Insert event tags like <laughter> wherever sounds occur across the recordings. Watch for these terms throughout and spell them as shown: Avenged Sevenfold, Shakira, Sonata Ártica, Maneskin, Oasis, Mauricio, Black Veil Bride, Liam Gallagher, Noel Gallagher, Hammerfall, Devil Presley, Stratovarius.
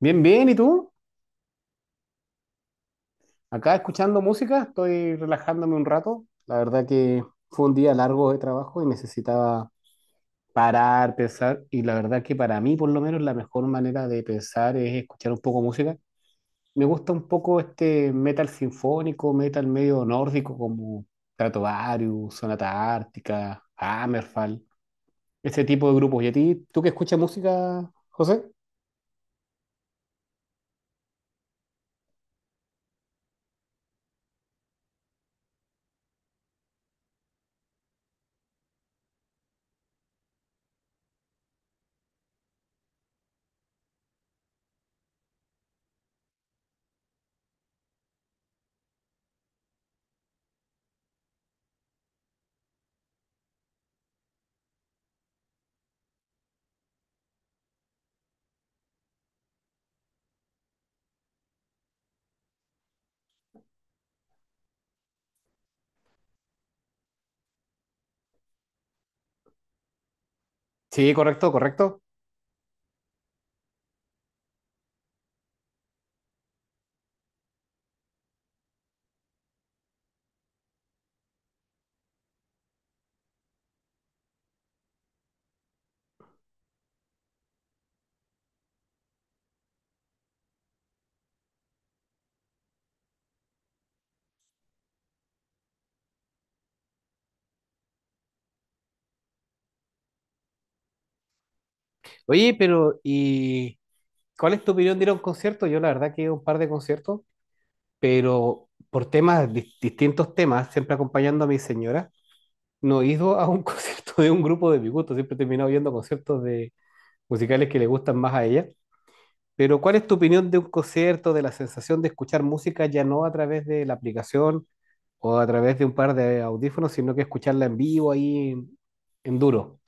Bien, bien, ¿y tú? Acá escuchando música, estoy relajándome un rato. La verdad que fue un día largo de trabajo y necesitaba parar, pensar, y la verdad que para mí por lo menos la mejor manera de pensar es escuchar un poco música. Me gusta un poco este metal sinfónico, metal medio nórdico como Stratovarius, Sonata Ártica, Hammerfall, ese tipo de grupos. ¿Y a ti, tú que escuchas música, José? Sí, correcto, correcto. Oye, pero ¿Cuál es tu opinión de ir a un concierto? Yo la verdad que he ido a un par de conciertos, pero por temas, distintos temas, siempre acompañando a mi señora, no he ido a un <laughs> concierto de un grupo de mi gusto, siempre he terminado viendo conciertos de musicales que le gustan más a ella. Pero ¿cuál es tu opinión de un concierto, de la sensación de escuchar música ya no a través de la aplicación o a través de un par de audífonos, sino que escucharla en vivo ahí en duro?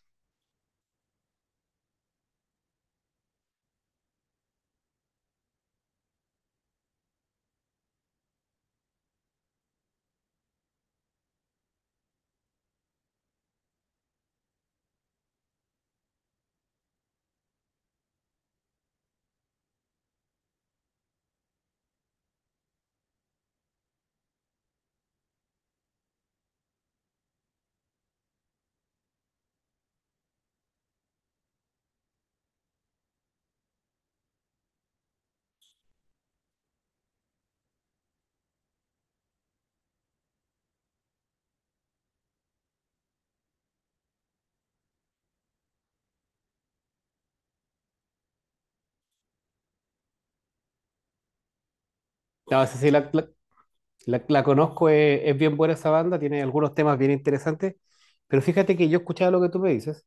No sé si la, La conozco, es bien buena esa banda, tiene algunos temas bien interesantes, pero fíjate que yo escuchaba lo que tú me dices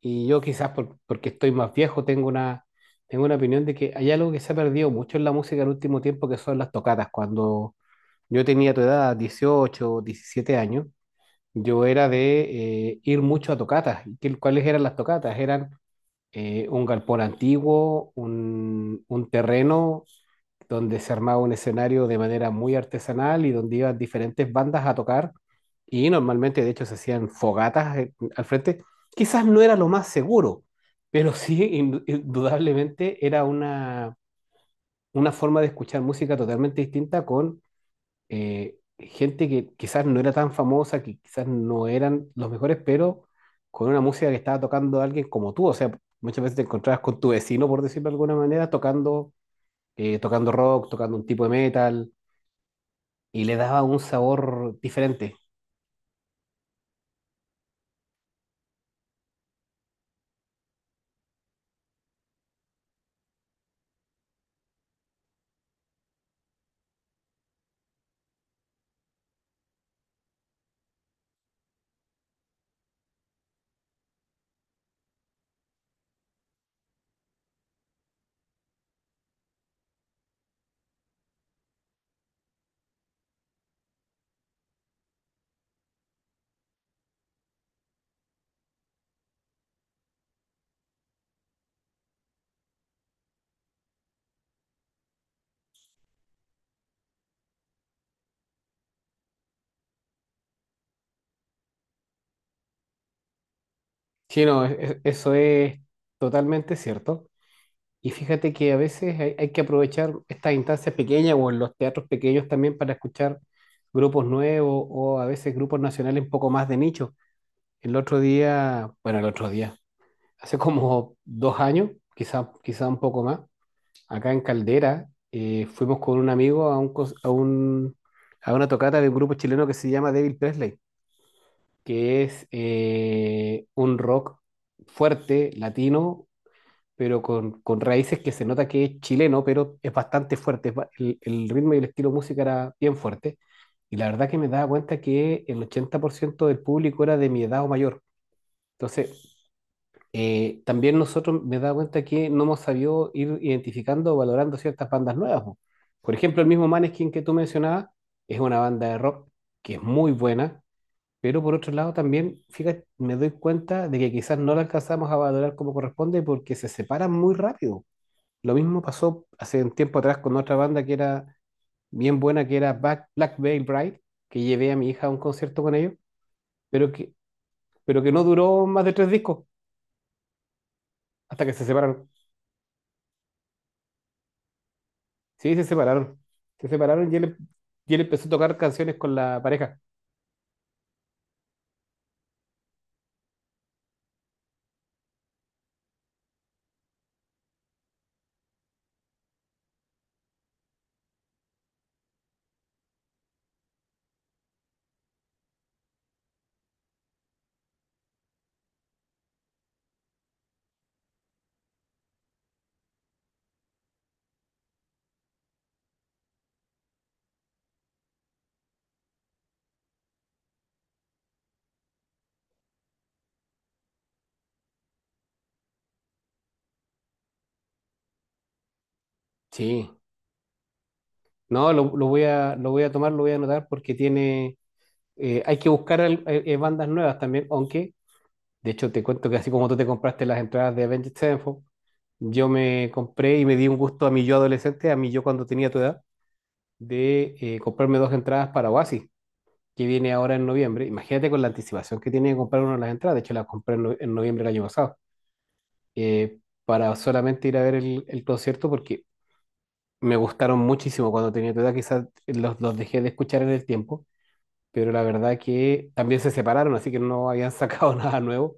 y yo quizás porque estoy más viejo tengo una opinión de que hay algo que se ha perdido mucho en la música el último tiempo que son las tocatas. Cuando yo tenía tu edad, 18 17 años, yo era de ir mucho a tocatas. ¿Cuáles eran las tocatas? Eran un galpón antiguo, un terreno donde se armaba un escenario de manera muy artesanal y donde iban diferentes bandas a tocar y normalmente de hecho se hacían fogatas al frente. Quizás no era lo más seguro, pero sí <laughs> indudablemente era una forma de escuchar música totalmente distinta con gente que quizás no era tan famosa, que quizás no eran los mejores, pero con una música que estaba tocando alguien como tú. O sea, muchas veces te encontrabas con tu vecino, por decirlo de alguna manera, tocando, tocando rock, tocando un tipo de metal, y le daba un sabor diferente. Sí, no, eso es totalmente cierto. Y fíjate que a veces hay que aprovechar estas instancias pequeñas o en los teatros pequeños también para escuchar grupos nuevos o a veces grupos nacionales un poco más de nicho. El otro día, bueno, el otro día, hace como <laughs> 2 años, quizá un poco más, acá en Caldera, fuimos con un amigo a, un, cos- a, un- a una tocata de un grupo chileno que se llama Devil Presley, que es un rock fuerte, latino, pero con raíces que se nota que es chileno, pero es bastante fuerte. El ritmo y el estilo de música era bien fuerte. Y la verdad que me daba cuenta que el 80% del público era de mi edad o mayor. Entonces, también nosotros me he dado cuenta que no hemos sabido ir identificando o valorando ciertas bandas nuevas. Po. Por ejemplo, el mismo Maneskin que tú mencionabas es una banda de rock que es muy buena, pero por otro lado también, fíjate, me doy cuenta de que quizás no la alcanzamos a valorar como corresponde porque se separan muy rápido. Lo mismo pasó hace un tiempo atrás con otra banda que era bien buena, que era Black Veil Bride, que llevé a mi hija a un concierto con ellos, pero que, pero que no duró más de tres discos hasta que se separaron. Sí, se separaron. Se separaron y él empezó a tocar canciones con la pareja. Sí. No, lo voy a tomar, lo voy a anotar porque tiene. Hay que buscar bandas nuevas también, aunque, de hecho, te cuento que así como tú te compraste las entradas de Avenged Sevenfold, yo me compré y me di un gusto a mi yo adolescente, a mi yo cuando tenía tu edad, de comprarme dos entradas para Oasis, que viene ahora en noviembre. Imagínate con la anticipación que tiene de comprar una de las entradas. De hecho, las compré en, no- en noviembre del año pasado. eh, para solamente ir a ver el concierto porque me gustaron muchísimo cuando tenía tu edad, quizás los dejé de escuchar en el tiempo, pero la verdad que también se separaron, así que no habían sacado <laughs> nada nuevo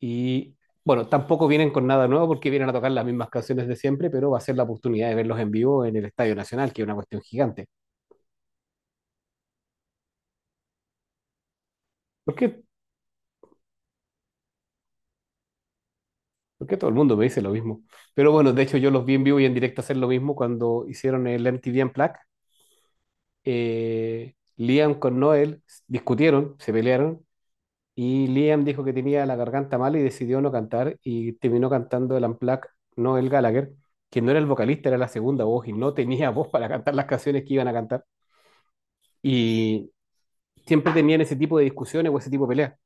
y bueno, tampoco vienen con nada nuevo porque vienen a tocar las mismas canciones de siempre, pero va a ser la oportunidad de verlos en vivo en el Estadio Nacional, que es una cuestión gigante. ¿Por qué? Porque todo el mundo me dice lo mismo. Pero bueno, de hecho yo los vi en vivo y en directo hacer lo mismo cuando hicieron el MTV Unplugged. Liam con Noel discutieron, se pelearon, y Liam dijo que tenía la garganta mal y decidió no cantar y terminó cantando el Unplugged Noel Gallagher, que no era el vocalista, era la segunda voz y no tenía <laughs> voz para cantar las canciones que iban a cantar. Y siempre tenían ese tipo de discusiones o ese tipo de peleas.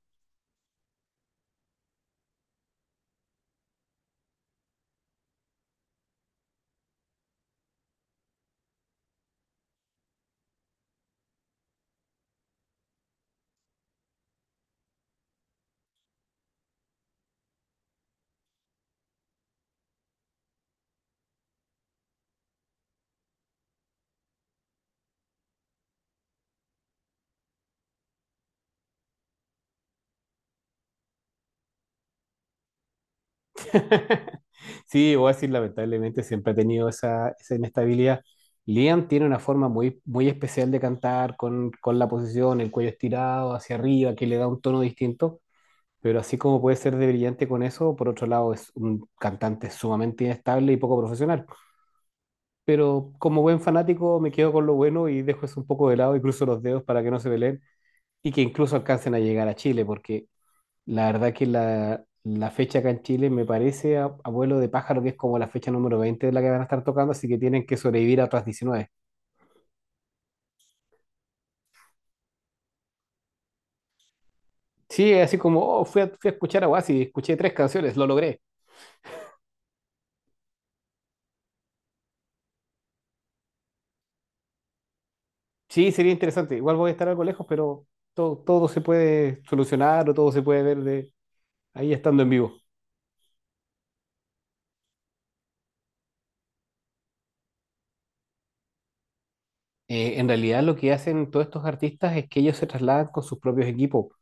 <laughs> Sí, voy a decir, lamentablemente siempre ha tenido esa inestabilidad. Liam tiene una forma muy, muy especial de cantar con la posición, el cuello estirado hacia arriba, que le da un tono distinto. Pero así como puede ser de brillante con eso, por otro lado es un cantante sumamente inestable y poco profesional. Pero como buen fanático me quedo con lo bueno y dejo eso un poco de lado y cruzo los dedos para que no se peleen y que incluso alcancen a llegar a Chile, porque la verdad que la fecha acá en Chile me parece, a vuelo de pájaro, que es como la fecha número 20 de la que van a estar tocando, así que tienen que sobrevivir a otras 19. Sí, es así como, oh, fui a escuchar a Oasis, escuché tres canciones, lo logré. Sí, sería interesante. Igual voy a estar algo lejos, pero todo se puede solucionar o todo se puede ver de ahí estando en vivo. En realidad lo que hacen todos estos artistas es que ellos se trasladan con sus propios equipos.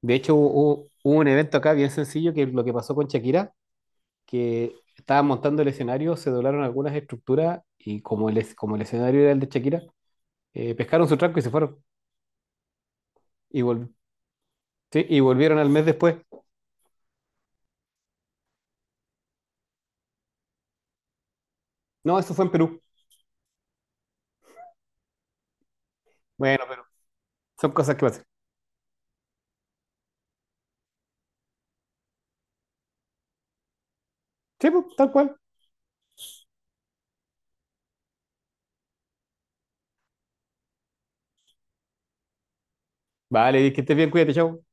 De hecho, hubo un evento acá bien sencillo que lo que pasó con Shakira, que estaban montando el escenario, se doblaron algunas estructuras y como como el escenario era el de Shakira, pescaron su tranco y se fueron. Y, vol- sí, y volvieron al mes después. No, eso fue en Perú. Bueno, pero son cosas que pasan. Sí, pues, tal cual. Vale, que estés bien, cuídate, chao.